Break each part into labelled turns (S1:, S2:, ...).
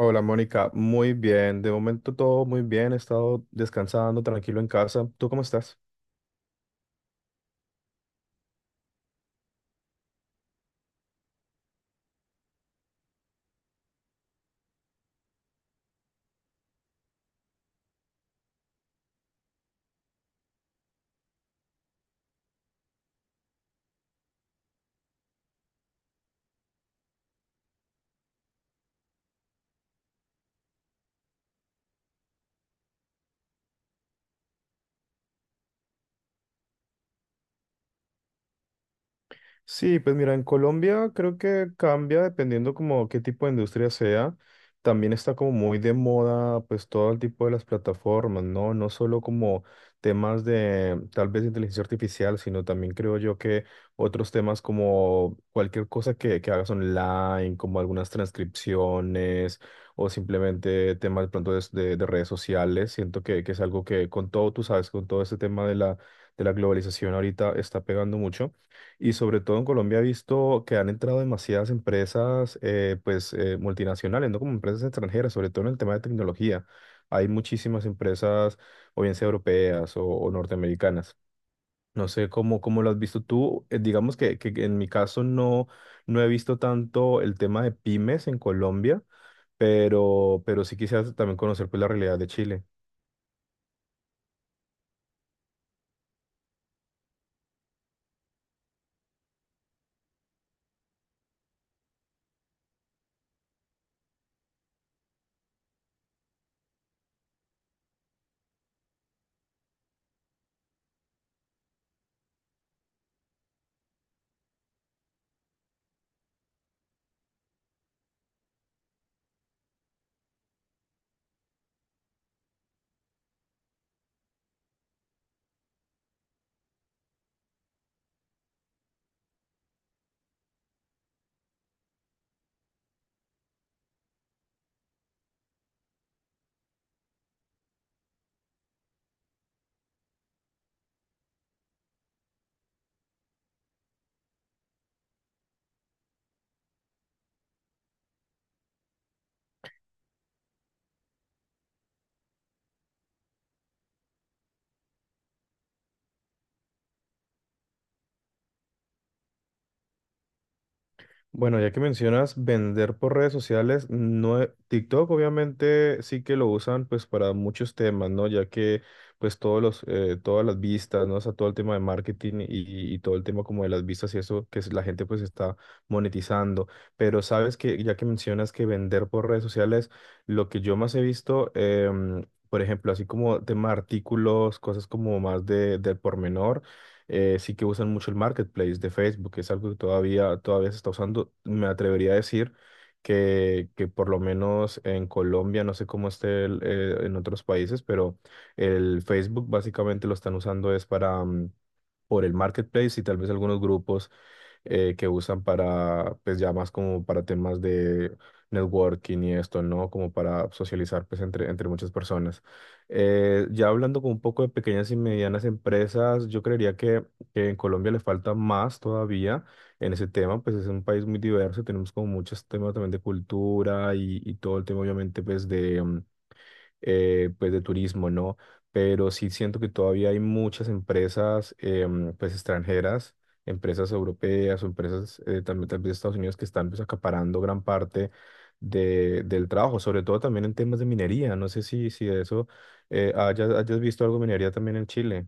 S1: Hola Mónica, muy bien. De momento todo muy bien. He estado descansando tranquilo en casa. ¿Tú cómo estás? Sí, pues mira, en Colombia creo que cambia dependiendo como qué tipo de industria sea. También está como muy de moda pues todo el tipo de las plataformas, ¿no? No solo como temas de tal vez inteligencia artificial, sino también creo yo que otros temas como cualquier cosa que hagas online, como algunas transcripciones o simplemente temas de pronto de redes sociales. Siento que es algo que con todo, tú sabes, con todo este tema de la globalización ahorita está pegando mucho. Y sobre todo en Colombia he visto que han entrado demasiadas empresas pues, multinacionales, no como empresas extranjeras, sobre todo en el tema de tecnología. Hay muchísimas empresas, o bien sea europeas o norteamericanas. No sé cómo lo has visto tú. Digamos que en mi caso no he visto tanto el tema de pymes en Colombia, pero sí quisiera también conocer pues, la realidad de Chile. Bueno, ya que mencionas vender por redes sociales, no, TikTok obviamente sí que lo usan pues para muchos temas, ¿no? Ya que pues todos los, todas las vistas, ¿no? O sea, todo el tema de marketing y todo el tema como de las vistas y eso la gente pues está monetizando. Pero sabes que ya que mencionas que vender por redes sociales, lo que yo más he visto, por ejemplo, así como tema de artículos, cosas como más del pormenor sí que usan mucho el marketplace de Facebook, que es algo que todavía se está usando. Me atrevería a decir que por lo menos en Colombia, no sé cómo esté en otros países, pero el Facebook básicamente lo están usando es para por el marketplace y tal vez algunos grupos que usan para, pues ya más como para temas de networking y esto, ¿no? Como para socializar, pues entre muchas personas. Ya hablando con un poco de pequeñas y medianas empresas, yo creería que en Colombia le falta más todavía en ese tema, pues es un país muy diverso, tenemos como muchos temas también de cultura y todo el tema obviamente pues pues de turismo, ¿no? Pero sí siento que todavía hay muchas empresas pues extranjeras, empresas europeas o empresas también de Estados Unidos que están pues acaparando gran parte del trabajo, sobre todo también en temas de minería. No sé si de eso hayas visto algo de minería también en Chile.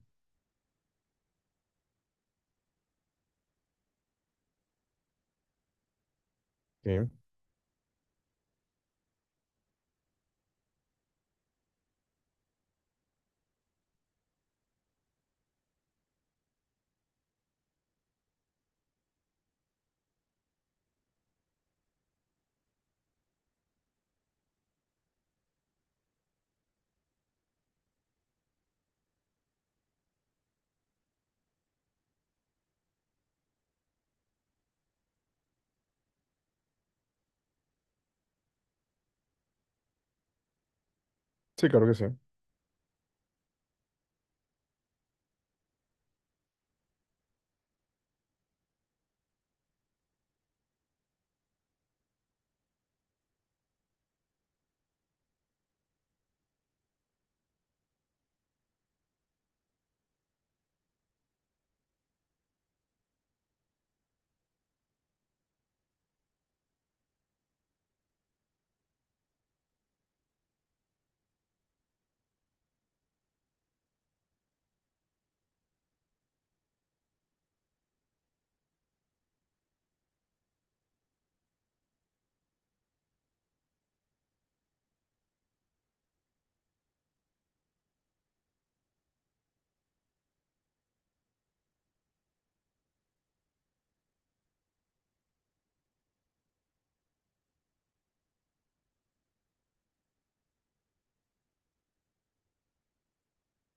S1: Sí, sí, claro que sí.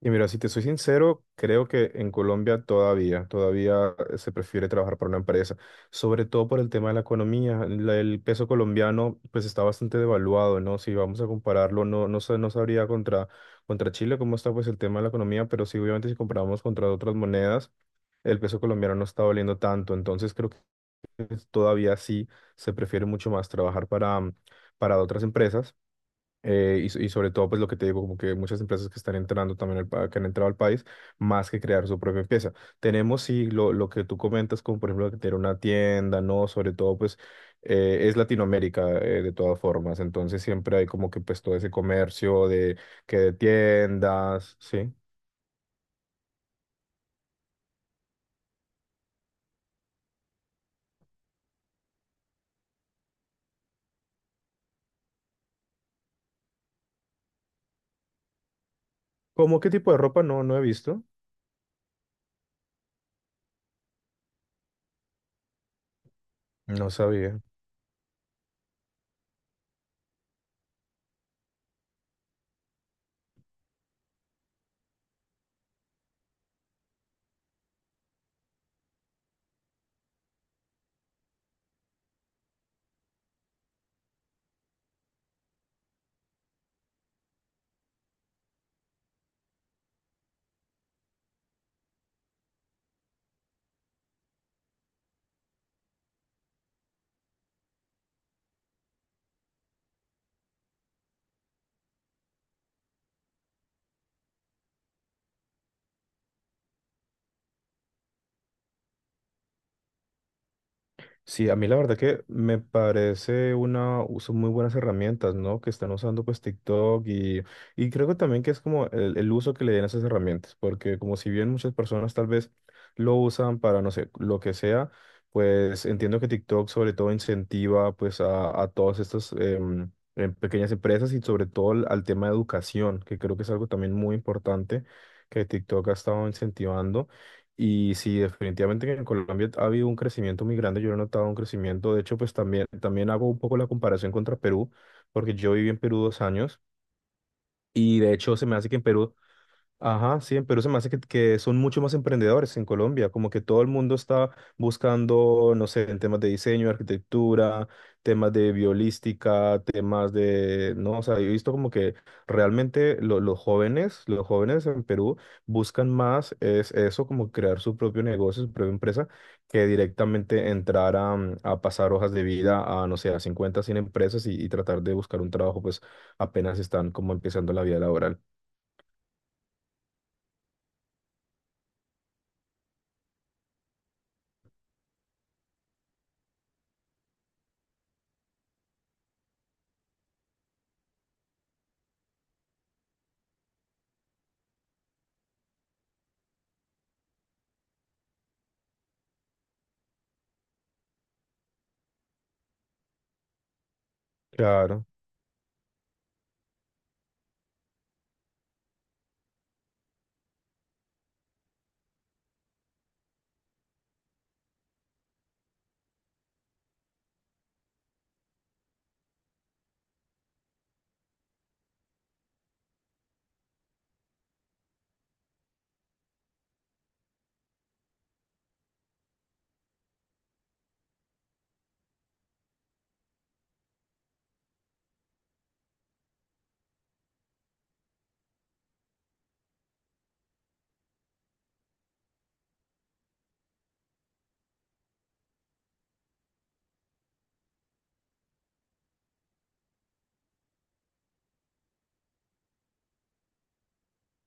S1: Y mira, si te soy sincero, creo que en Colombia todavía se prefiere trabajar para una empresa, sobre todo por el tema de la economía. El peso colombiano pues está bastante devaluado, ¿no? Si vamos a compararlo, no sabría contra Chile cómo está pues el tema de la economía, pero sí obviamente si comparamos contra otras monedas, el peso colombiano no está valiendo tanto. Entonces creo que todavía sí se prefiere mucho más trabajar para otras empresas y sobre todo, pues lo que te digo, como que muchas empresas que están entrando también, que han entrado al país, más que crear su propia empresa. Tenemos, sí, lo que tú comentas, como por ejemplo, que tener una tienda, ¿no? Sobre todo, pues, es Latinoamérica, de todas formas. Entonces, siempre hay como que, pues, todo ese comercio que de tiendas, ¿sí? ¿Cómo qué tipo de ropa? No, no he visto. No sabía. Sí, a mí la verdad que me parece son muy buenas herramientas, ¿no? Que están usando pues TikTok y creo que también que es como el uso que le den a esas herramientas, porque como si bien muchas personas tal vez lo usan para, no sé, lo que sea, pues entiendo que TikTok sobre todo incentiva pues a todas estas pequeñas empresas y sobre todo al tema de educación, que creo que es algo también muy importante que TikTok ha estado incentivando. Y sí, definitivamente que en Colombia ha habido un crecimiento muy grande, yo lo he notado un crecimiento, de hecho, pues también hago un poco la comparación contra Perú, porque yo viví en Perú 2 años y de hecho se me hace que en Perú. Ajá, sí, en Perú se me hace que son mucho más emprendedores en Colombia, como que todo el mundo está buscando, no sé, en temas de diseño, arquitectura, temas de biolística, temas de, no, o sea, yo he visto como que realmente los jóvenes en Perú buscan más es eso, como crear su propio negocio, su propia empresa, que directamente entrar a pasar hojas de vida a, no sé, a 50 100 empresas y tratar de buscar un trabajo, pues apenas están como empezando la vida laboral. Claro.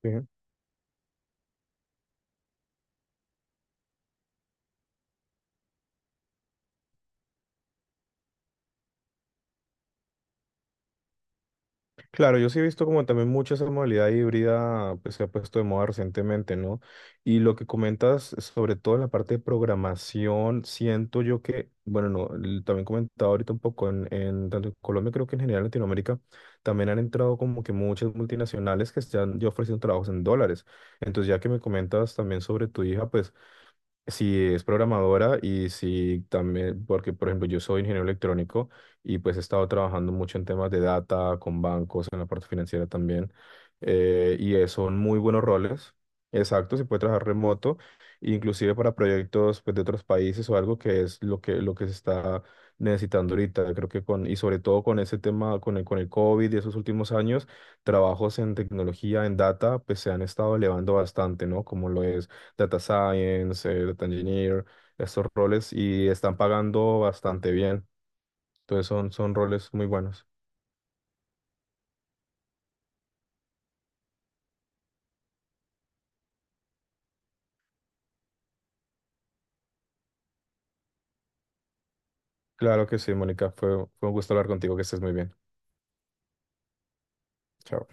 S1: Sí. Claro, yo sí he visto como también mucho esa modalidad híbrida pues, se ha puesto de moda recientemente, ¿no? Y lo que comentas, sobre todo en la parte de programación, siento yo que, bueno, no, también comentaba ahorita un poco en tanto en Colombia, creo que en general en Latinoamérica, también han entrado como que muchas multinacionales que están ya ofreciendo trabajos en dólares. Entonces, ya que me comentas también sobre tu hija, pues si es programadora y si también, porque por ejemplo yo soy ingeniero electrónico y pues he estado trabajando mucho en temas de data, con bancos, en la parte financiera también, y son muy buenos roles, exacto, se puede trabajar remoto, inclusive para proyectos pues, de otros países o algo que es lo que, se está necesitando ahorita, creo que y sobre todo con ese tema, con el COVID y esos últimos años, trabajos en tecnología, en data, pues se han estado elevando bastante, ¿no? Como lo es data science, data engineer, estos roles y están pagando bastante bien. Entonces son roles muy buenos. Claro que sí, Mónica, fue un gusto hablar contigo, que estés muy bien. Chao.